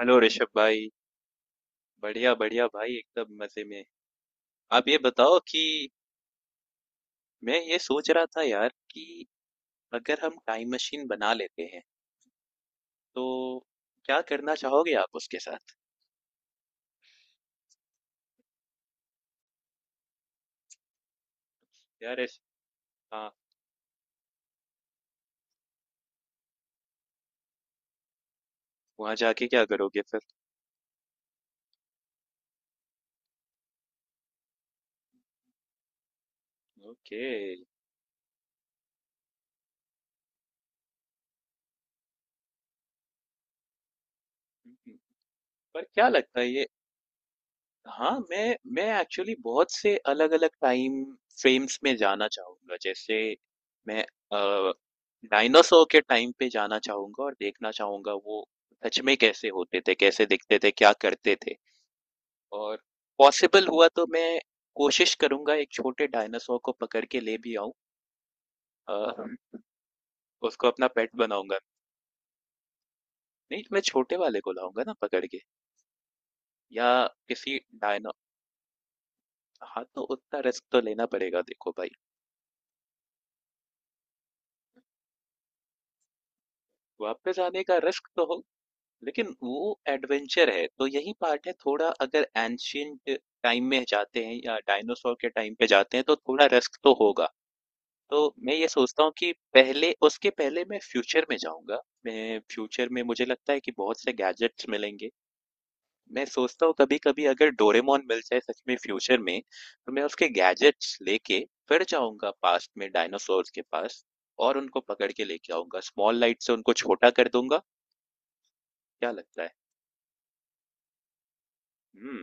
Hello Rishabh भाई। बढ़िया बढ़िया भाई, एकदम मजे में। आप ये बताओ कि मैं ये सोच रहा था यार कि अगर हम टाइम मशीन बना लेते हैं तो क्या करना चाहोगे आप उसके साथ। यार ऐस- हाँ, वहां जाके क्या करोगे फिर? ओके, पर क्या लगता है ये? हाँ, मैं एक्चुअली बहुत से अलग-अलग टाइम फ्रेम्स में जाना चाहूँगा। जैसे मैं डायनासोर के टाइम पे जाना चाहूँगा और देखना चाहूँगा वो सच में कैसे होते थे, कैसे दिखते थे, क्या करते थे? और पॉसिबल हुआ तो मैं कोशिश करूँगा एक छोटे डायनासोर को पकड़ के ले भी आऊँ। अ, उसको अपना पेट बनाऊँगा। नहीं, मैं छोटे वाले को लाऊँगा ना पकड़ के। या किसी डायना हाँ, तो उतना रिस्क तो लेना पड़ेगा देखो भाई, वापस आने का रिस्क तो हो, लेकिन वो एडवेंचर है, तो यही पार्ट है थोड़ा। अगर एन्शिएंट टाइम में जाते हैं या डायनासोर के टाइम पे जाते हैं, तो थोड़ा रिस्क तो होगा। तो मैं ये सोचता हूँ कि पहले उसके पहले मैं फ्यूचर में जाऊँगा। मैं फ्यूचर में मुझे लगता है कि बहुत से गैजेट्स मिलेंगे। मैं सोचता हूँ कभी-कभी अगर डोरेमोन मिल जाए सच में फ्यूचर में, तो मैं उसके गैजेट्स लेके फिर जाऊँगा पास्ट में डायनासोर्स के पास और उनको पकड़ के लेके आऊँगा। स्मॉल लाइट से उनको छोटा कर दूँगा, क्या लगता है? हुँ।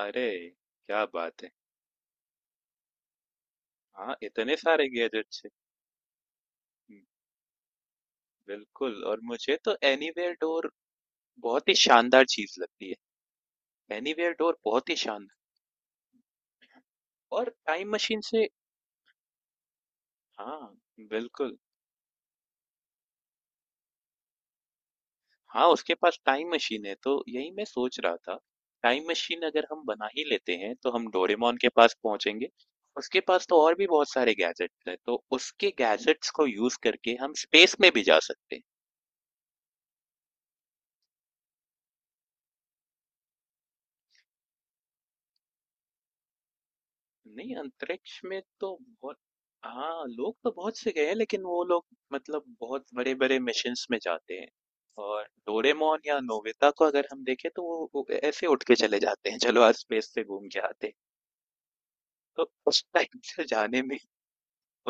अरे, क्या बात है। हाँ, इतने सारे गैजेट्स है। हम्म, बिल्कुल। और मुझे तो एनीवेयर डोर बहुत ही शानदार चीज लगती है। एनीवेयर डोर बहुत ही शानदार। और टाइम मशीन से हाँ, बिल्कुल। हाँ, उसके पास टाइम मशीन है तो यही मैं सोच रहा था। टाइम मशीन अगर हम बना ही लेते हैं तो हम डोरेमोन के पास पहुंचेंगे। उसके पास तो और भी बहुत सारे गैजेट्स हैं तो उसके गैजेट्स को यूज करके हम स्पेस में भी जा सकते हैं। नहीं, अंतरिक्ष में तो बहुत हाँ, लोग तो बहुत से गए हैं लेकिन वो लोग मतलब बहुत बड़े-बड़े मिशंस में जाते हैं। और डोरेमोन या नोबिता को अगर हम देखें तो वो ऐसे उठ के चले जाते हैं, चलो आज स्पेस से घूम के आते हैं। तो उस टाइप से जाने में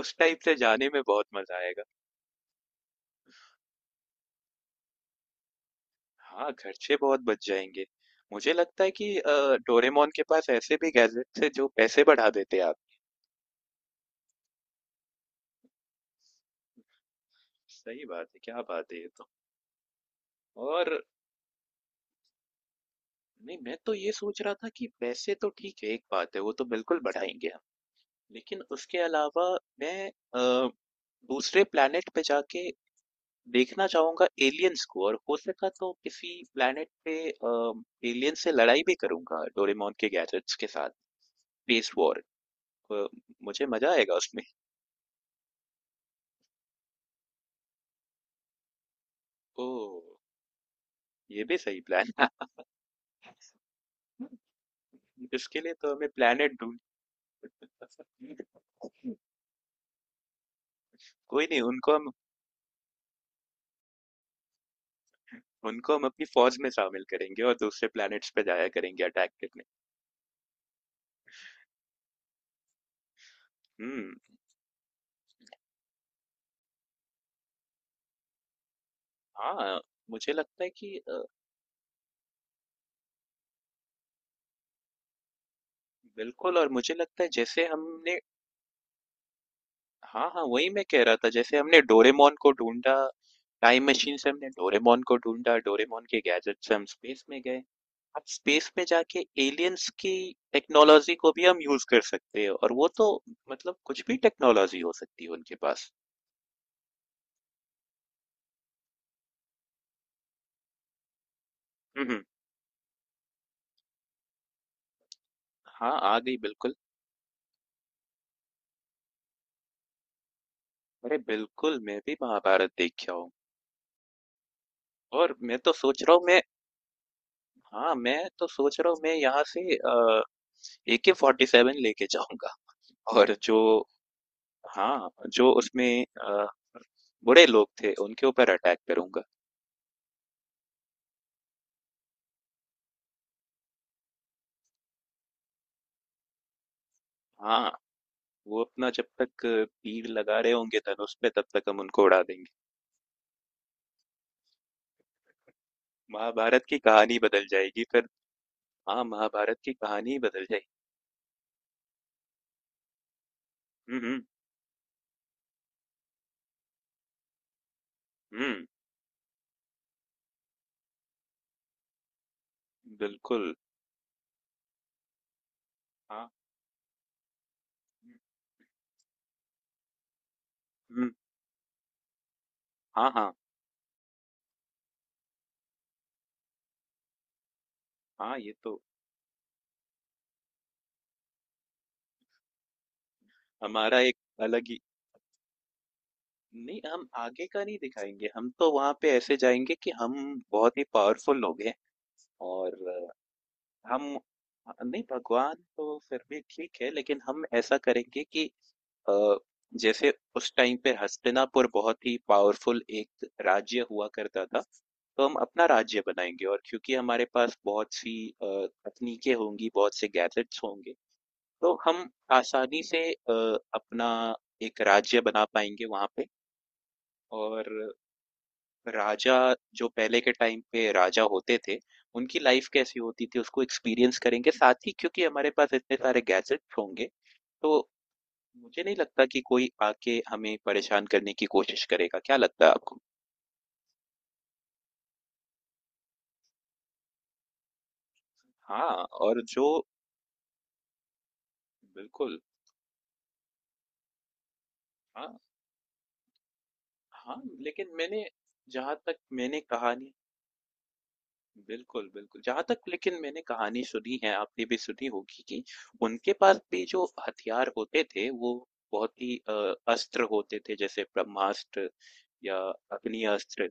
उस टाइप से जाने में बहुत मजा आएगा। हाँ, खर्चे बहुत बच जाएंगे। मुझे लगता है कि डोरेमोन के पास ऐसे भी गैजेट्स हैं जो पैसे बढ़ा देते हैं आप। सही बात है, क्या बात है ये तो। और नहीं, मैं तो ये सोच रहा था कि पैसे तो ठीक है, एक बात है, वो तो बिल्कुल बढ़ाएँगे हम। लेकिन उसके अलावा मैं अ, दूसरे प्लैनेट पे जाके देखना चाहूँगा एलियंस को और हो सका तो किसी प्लैनेट पे एलियंस से लड़ाई भी करूँगा डोरेमोन के गैजेट्स के साथ, स्पेस वॉर। अ, मुझे मज़ा आएगा उसमें। ओह! ये भी सही प्लान है। इसके लिए तो हमें प्लैनेट ढूँढना कोई नहीं, उनको हम अपनी फ़ौज में शामिल करेंगे और दूसरे प्लैनेट्स पे जाया करेंगे अटैक करने। हुँ, हाँ, मुझे लगता है कि बिल्कुल। और मुझे लगता है जैसे हमने हाँ, हाँ, वही मैं कह रहा था जैसे हमने डोरेमोन को ढूँढा, टाइम मशीन से हमने डोरेमोन को ढूँढा, डोरेमोन के गैजेट से हम स्पेस में गए। अब स्पेस में जाके एलियंस की टेक्नोलॉज़ी को भी हम यूज़ कर सकते हैं और वो तो मतलब कुछ भी टेक्नोलॉज़ी हो सकती है उनके पास। हुँ, हुँ। हाँ, आ गई बिल्कुल। अरे बिल्कुल, मैं भी महाभारत देख के आऊँ। और मैं तो सोच रहा हूँ मैं हाँ, मैं तो सोच रहा हूँ मैं यहाँ से AK-47 लेके जाऊंगा और जो हाँ जो उसमें अ, बुरे लोग थे उनके ऊपर अटैक करूंगा। हाँ, वो अपना जब तक तीर लगा रहे होंगे धनुष पे तब तक हम उनको उड़ा देंगे। महाभारत की कहानी बदल जाएगी फिर। हाँ, महाभारत की कहानी ही बदल जाएगी। हम्म हम्म, बिल्कुल। हाँ। हम्म, हम्म, हाँ हाँ। हाँ, ये तो हमारा एक अलग ही नहीं, हम आगे का नहीं दिखाएँगे, हम तो वहाँ पे ऐसे जाएँगे कि हम बहुत ही पावरफुल लोग हैं। और हम हम नहीं भगवान तो फिर भी ठीक है लेकिन हम ऐसा करेंगे कि अ, जैसे उस टाइम पे हस्तिनापुर बहुत ही पावरफुल एक राज्य हुआ करता था, तो हम अपना राज्य बनाएँगे और क्योंकि हमारे पास बहुत सी तकनीकें होंगी, बहुत से गैजेट्स होंगे, तो हम आसानी से अपना एक राज्य बना पाएँगे वहाँ पे। और राजा जो पहले के टाइम पे राजा होते थे, उनकी लाइफ कैसी होती थी उसको एक्सपीरियंस करेंगे साथ ही, क्योंकि हमारे पास इतने सारे गैजेट्स होंगे। तो मुझे नहीं लगता कि कोई आके हमें परेशान करने की कोशिश करेगा, क्या लगता है आपको? हाँ। और जो बिल्कुल हाँ, हाँ, लेकिन मैंने जहां तक मैंने कहानी बिल्कुल, बिल्कुल। जहाँ तक लेकिन मैंने कहानी सुनी है, आपने भी सुनी होगी कि उनके पास भी जो हथियार होते थे, वो बहुत ही अस्त्र होते थे जैसे ब्रह्मास्त्र या अग्नि अस्त्र।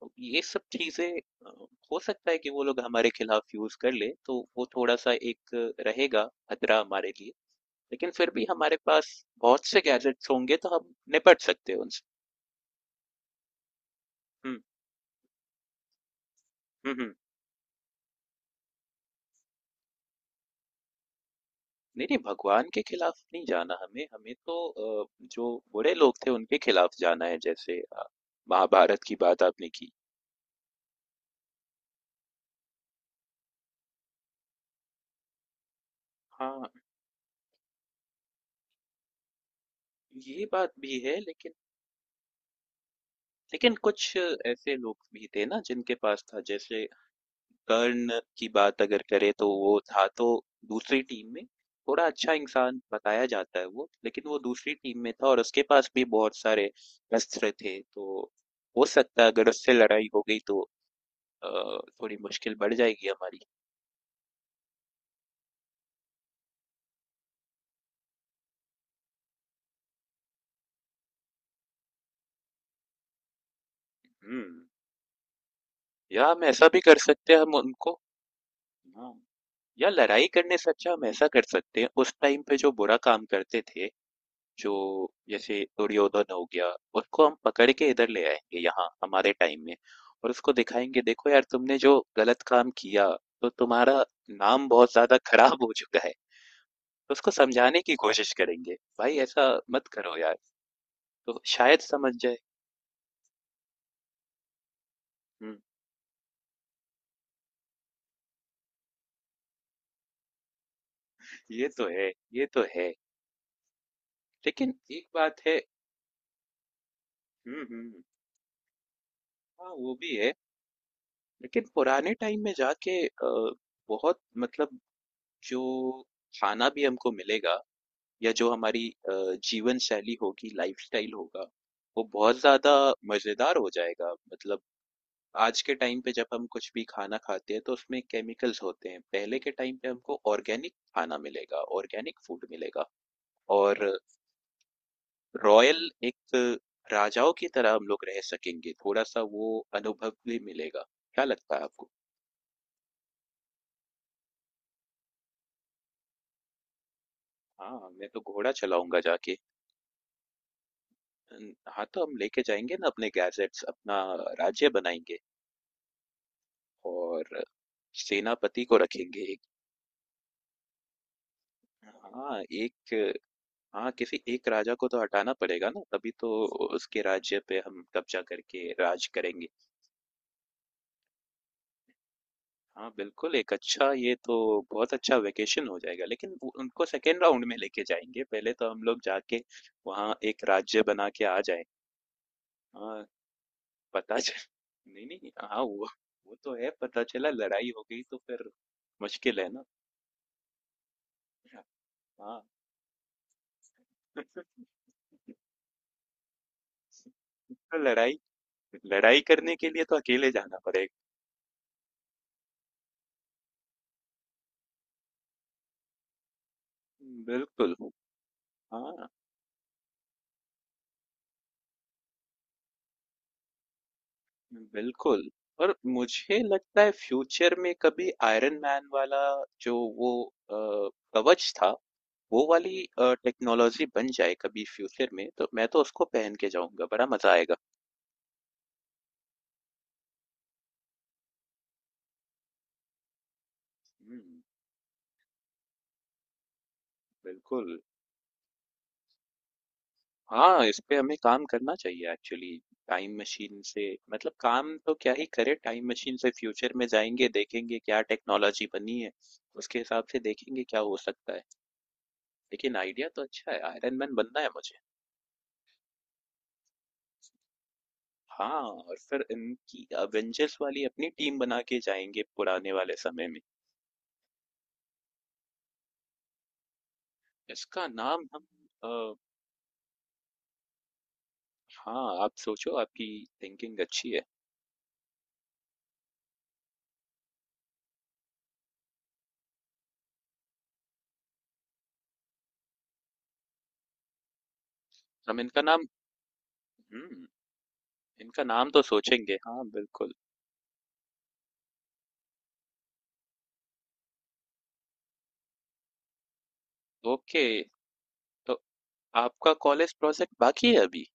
तो ये सब चीज़ें अ, हो सकता है कि वो लोग हमारे खिलाफ यूज़ कर लें, तो वो थोड़ा-सा एक रहेगा खतरा हमारे लिए। लेकिन फिर भी हमारे पास बहुत से गैजेट्स होंगे तो हम निपट सकते हैं उनसे। हुँ। हुँ, हुँ। नहीं नहीं, भगवान के खिलाफ नहीं जाना हमें। हमें तो अ, जो बड़े लोग थे उनके खिलाफ जाना है जैसे महाभारत की बात आपने की। हाँ, ये बात भी है लेकिन लेकिन कुछ ऐसे लोग भी थे ना जिनके पास था, जैसे कर्ण की बात अगर करें तो वो था तो दूसरी टीम में। थोड़ा अच्छा इंसान बताया जाता है वो, लेकिन वो दूसरी टीम में था और उसके पास भी बहुत सारे अस्त्र थे। तो हो सकता है अगर उससे लड़ाई हो गई तो अ, थोड़ी मुश्किल बढ़ जाएगी हमारी। हुँ। या हम ऐसा भी कर सकते हैं, हम उनको हाँ, या लड़ाई करने से अच्छा हम ऐसा कर सकते हैं, उस टाइम पे जो बुरा काम करते थे, जो जैसे दुर्योधन हो गया, उसको हम पकड़ के इधर ले आएँगे यहाँ हमारे टाइम में और उसको दिखाएँगे, देखो यार तुमने जो गलत काम किया, तो तुम्हारा नाम बहुत ज़्यादा खराब हो चुका है। तो उसको समझाने की कोशिश करेंगे, भाई ऐसा मत करो यार, तो शायद समझ जाए। हुँ, ये तो है, ये तो है। लेकिन एक बात है हुँ, हुँ। हाँ, वो भी है। लेकिन पुराने टाइम में जाके बहुत मतलब जो खाना भी हमको मिलेगा या जो हमारी जीवन शैली होगी, लाइफस्टाइल होगा, वो बहुत ज्यादा मजेदार हो जाएगा। मतलब आज के टाइम पे जब हम कुछ भी खाना खाते हैं तो उसमें केमिकल्स होते हैं। पहले के टाइम पे हमको ऑर्गेनिक खाना मिलेगा, ऑर्गेनिक फूड मिलेगा। और रॉयल एक राजाओं की तरह हम लोग रह सकेंगे। थोड़ा सा वो अनुभव भी मिलेगा। क्या लगता है आपको? हाँ, मैं तो घोड़ा चलाऊँगा जाके। अन हाँ, तो हम लेके जाएँगे ना अपने गैजेट्स, अपना राज्य बनाएँगे और सेनापति को रखेंगे एक हाँ, किसी एक राजा को तो हटाना पड़ेगा ना, तभी तो उसके राज्य पे हम कब्ज़ा करके राज करेंगे। हाँ, बिल्कुल। एक अच्छा ये तो बहुत अच्छा वेकेशन हो जाएगा, लेकिन वो उनको सेकंड राउंड में लेके जाएँगे, पहले तो हम लोग जाके वहाँ एक राज्य बना के आ जाएँ। हाँ, पता चल नहीं, नहीं हाँ, वो तो है। पता चला लड़ाई हो गई तो फिर मुश्किल है ना। हाँ, तो लड़ाई लड़ाई करने के लिए तो अकेले जाना पड़ेगा। बिल्कुल। हाँ, बिल्कुल। और मुझे लगता है फ्यूचर में कभी आयरन मैन वाला जो वो कवच था वो वाली टेक्नोलॉजी बन जाए कभी फ्यूचर में तो मैं तो उसको पहन के जाऊंगा, बड़ा मजा आएगा। हम्म, बिल्कुल। हाँ, इस पे हमें काम करना चाहिए एक्चुअली। टाइम मशीन से मतलब काम तो क्या ही करें, टाइम मशीन से फ्यूचर में जाएँगे, देखेंगे क्या टेक्नोलॉजी बनी है, उसके हिसाब से देखेंगे क्या हो सकता है। लेकिन आइडिया तो अच्छा है, आयरन मैन बनना है मुझे। हाँ, और फिर इनकी अवेंजर्स वाली अपनी टीम बना के जाएँगे पुराने वाले समय में। इसका नाम हम अ, हाँ, आप सोचो, आपकी थिंकिंग अच्छी है। हम इनका नाम हुँ, इनका नाम तो सोचेंगे। हाँ, बिल्कुल। ओके, तो आपका कॉलेज प्रोजेक्ट बाकी है अभी?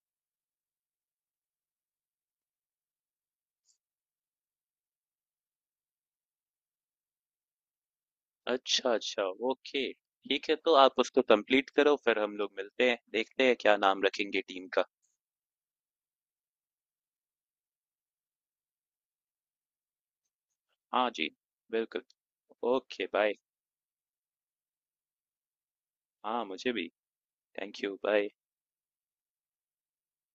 अच्छा, अच्छा, ओके। ठीक है, तो आप उसको कंप्लीट करो, फिर हम लोग मिलते हैं, देखते हैं क्या नाम रखेंगे टीम का। हाँ जी, बिल्कुल। Okay, bye. हाँ, मुझे भी। Thank you, bye.